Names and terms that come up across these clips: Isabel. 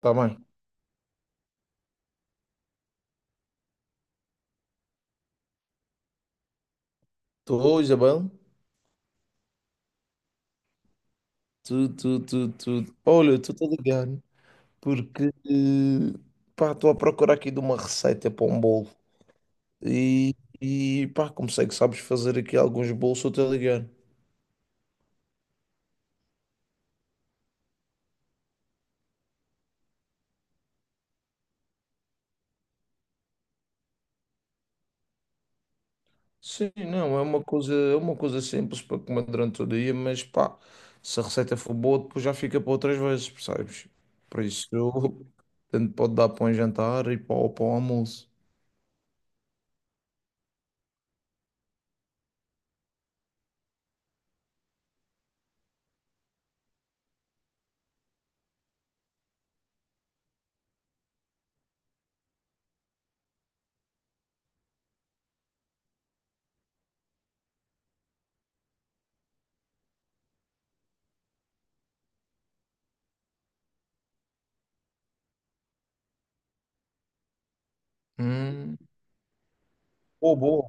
Tá bem. Estou, Isabel. Tu. Olha, tu a ligado? porque eh, pá, estou a procurar aqui de uma receita para um bolo. E, e pá, como sei que sabes fazer aqui alguns bolos, estou-te a ligar. Sim, não, é uma coisa simples para comer durante o dia, mas pá, se a receita for boa, depois já fica para outras vezes, percebes? Por isso, tanto pode dar para um jantar e para, para o almoço. Hum, boa, boa.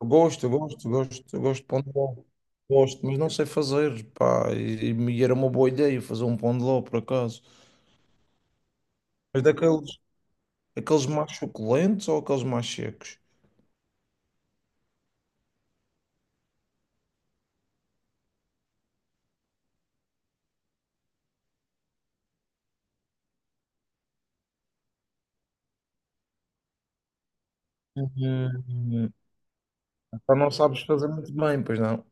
Gosto, gosto, gosto, gosto de pão de ló. Gosto, mas não sei fazer, pá. E era uma boa ideia fazer um pão de ló, por acaso. Mas daqueles, aqueles mais suculentos ou aqueles mais secos? Hum, pá, não sabes fazer muito bem, pois não?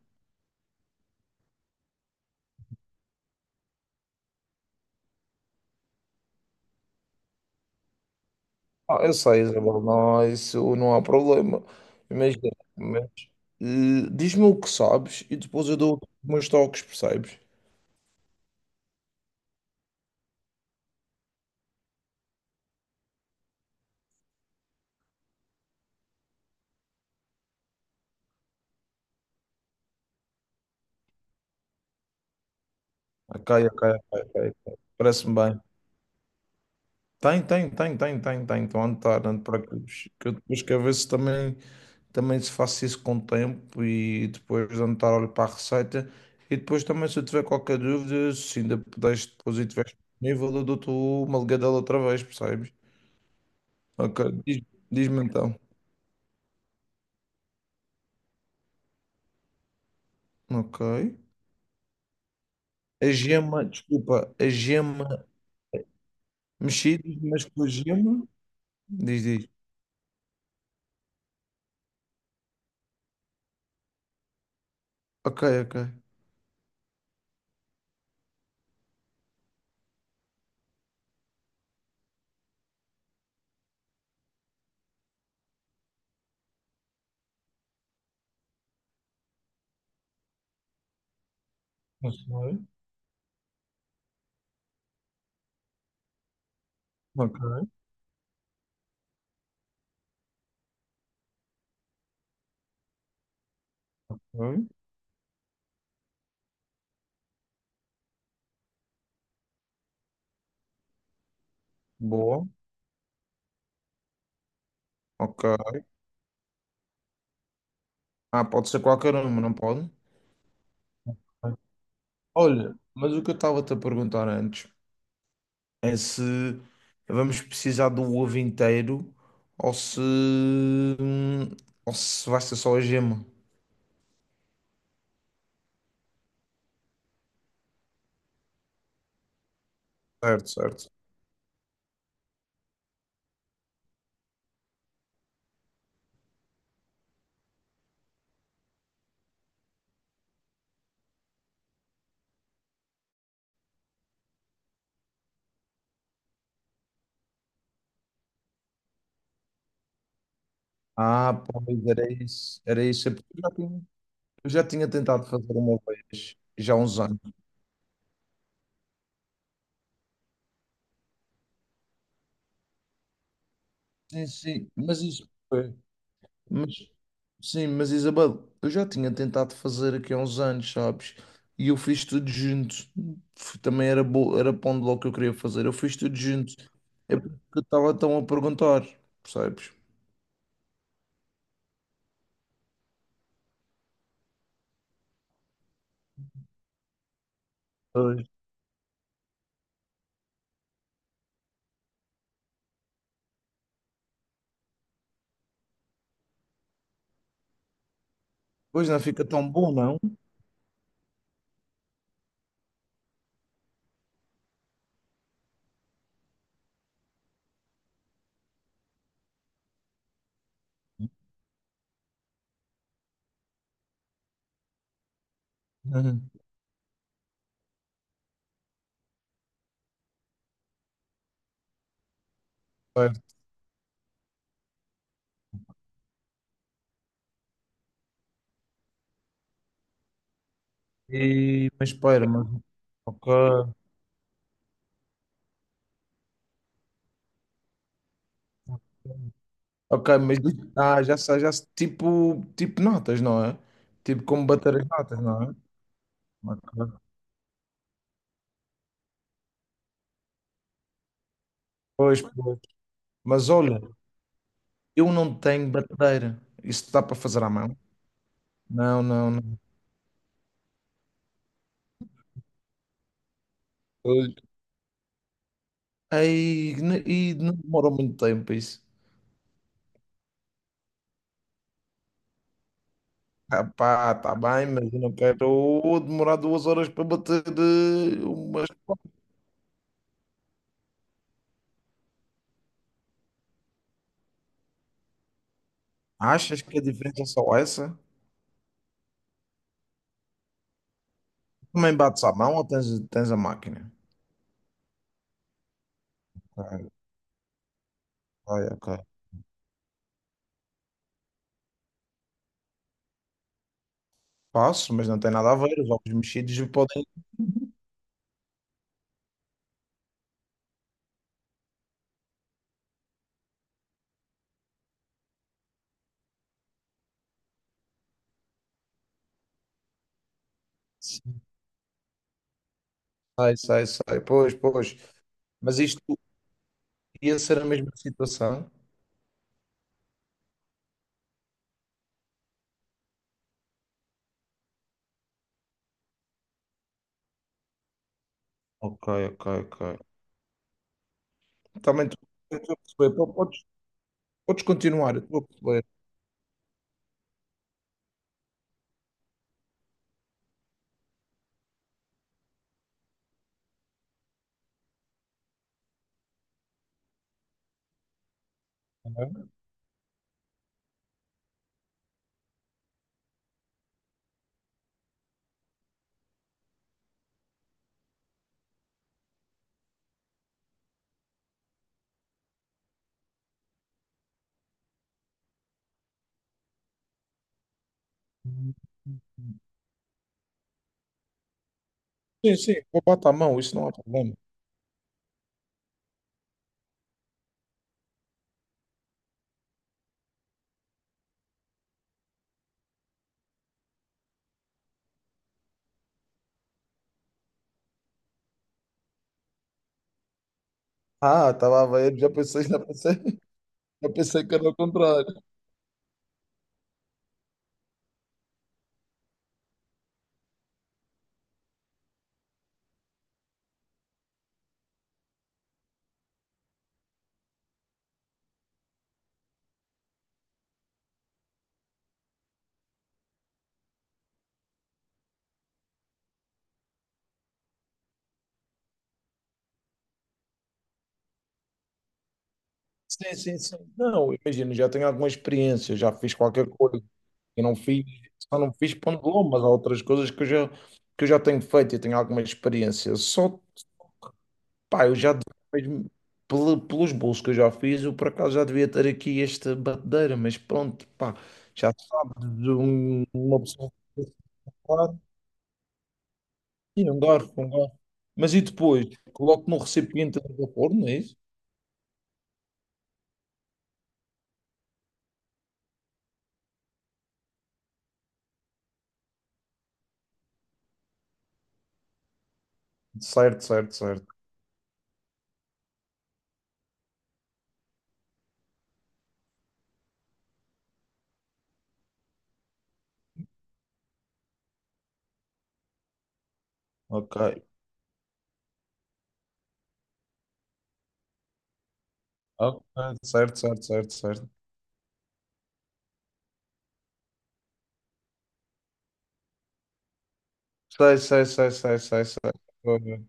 Ah, eu sei, Isabel, não, isso não há problema. Imagina, mas, diz-me o que sabes e depois eu dou os meus toques, percebes? Ok, ok, ok, ok, ok. Parece-me bem. Tem, tem, tem, tem, tem, tem. Estão a notar, não te preocupes. Que eu depois quero ver se também se faço isso com o tempo e depois de anotar, olho para a receita. E depois também, se eu tiver qualquer dúvida, se ainda puderes depois e tiveres disponível, eu dou-te uma ligadela outra vez, percebes? Ok, diz, diz-me então. Ok. A gema, desculpa, a gema mexida, mas com a gema. Diz, diz. Ok, ok. Não sei. Ok, ok. Boa. Ok. Ah, pode ser qualquer uma, não pode? Olha, mas o que eu estava-te a perguntar antes é se vamos precisar do ovo inteiro ou se, ou se vai ser só a gema. Certo, certo. Ah, pois era isso. Era isso. É porque eu já tinha tentado fazer uma vez, já há uns anos. Sim, sim, mas isso. Mas, sim, mas Isabel, eu já tinha tentado fazer aqui há uns anos, sabes? E eu fiz tudo junto. Também era, era pão de ló que eu queria fazer. Eu fiz tudo junto. É porque eu estava tão a perguntar, percebes? Pois. Pois não fica tão bom, não? Uhum. Certo. Mas espera, mas... Ok. Ok, mas já sei, já sei. Tipo, tipo notas, não é? Tipo como bater as notas, não é? Ok. Pois, pois. Mas olha. Eu não tenho batedeira. Isso dá para fazer à mão? Não, não, não. Pois, Ei, e não demorou muito tempo isso. Ah, pá, tá bem, mas eu não quero demorar 2 horas para bater umas. Achas que a diferença é só essa? Também bates à mão ou tens a máquina? Ok, ok, ok. Passo, mas não tem nada a ver. Os ovos mexidos podem. Sai, sai, sai. Pois, pois. Mas isto ia ser a mesma situação? Ok, ok, ok. Também estou estou a perceber. Podes continuar, eu estou a perceber. Não é? Sim, sim, vou botar a mão, isso não há problema. Ah, estava a ver, já pensei, já pensei que era o contrário. Sim, sim, sim. Não, imagina, já tenho alguma experiência, já fiz qualquer coisa. Eu não fiz, só não fiz pão de ló, mas há outras coisas que eu já tenho feito e tenho alguma experiência. Só Pá, eu já, mesmo pelos bolos que eu já fiz, eu por acaso já devia ter aqui esta batedeira, mas pronto, pá, já se sabe de uma pessoa que tem celular. E um garfo, um garfo. Mas e depois? Coloco no recipiente de vapor, não é isso? Certo, certo, certo. Ok. Ok, certo, certo, certo, certo. Sei, sei, sei, sei, sei, sei. Olha,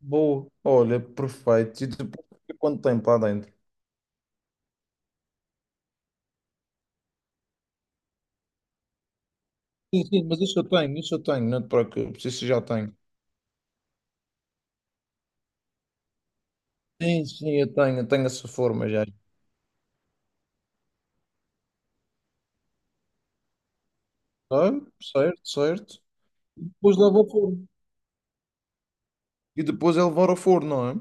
Boa. Olha, perfeito. E depois fica quanto tempo lá dentro? Sim, sim, mas isso eu tenho, não te preocupes, isso eu já tenho. Sim, sim, eu tenho, tenho essa forma já. Ah, certo, certo. Depois leva ao forno. E depois é levar ao forno, não é?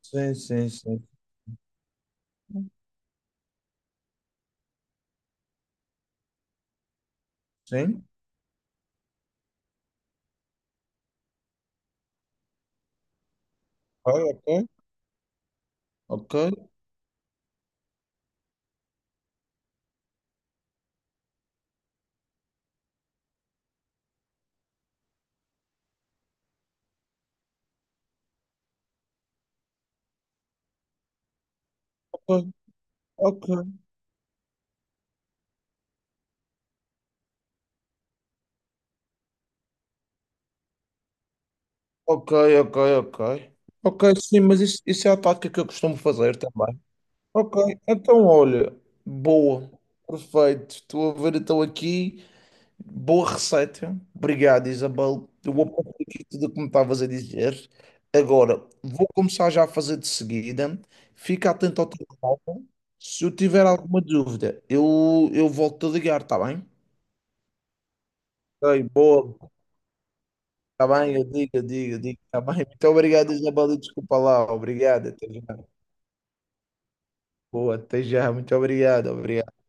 Sim, sim, sim. Sim. Ok, ok. Ok, ok, ok. Ok, ok, ok. Ok, sim, mas isso é a tática que eu costumo fazer também. Ok, então olha, boa, perfeito. Estou a ver, estou aqui. Boa receita. Obrigado, Isabel. Eu vou apontar aqui tudo o que me estavas a dizer. Agora, vou começar já a fazer de seguida. Fica atento ao telefone. Se eu tiver alguma dúvida, eu volto a ligar, está bem? Ok, boa. Está bem, eu digo. Está bem. Muito obrigado, Isabel. E desculpa lá. Obrigado. Até já. Boa, até já. Muito obrigado. Obrigado.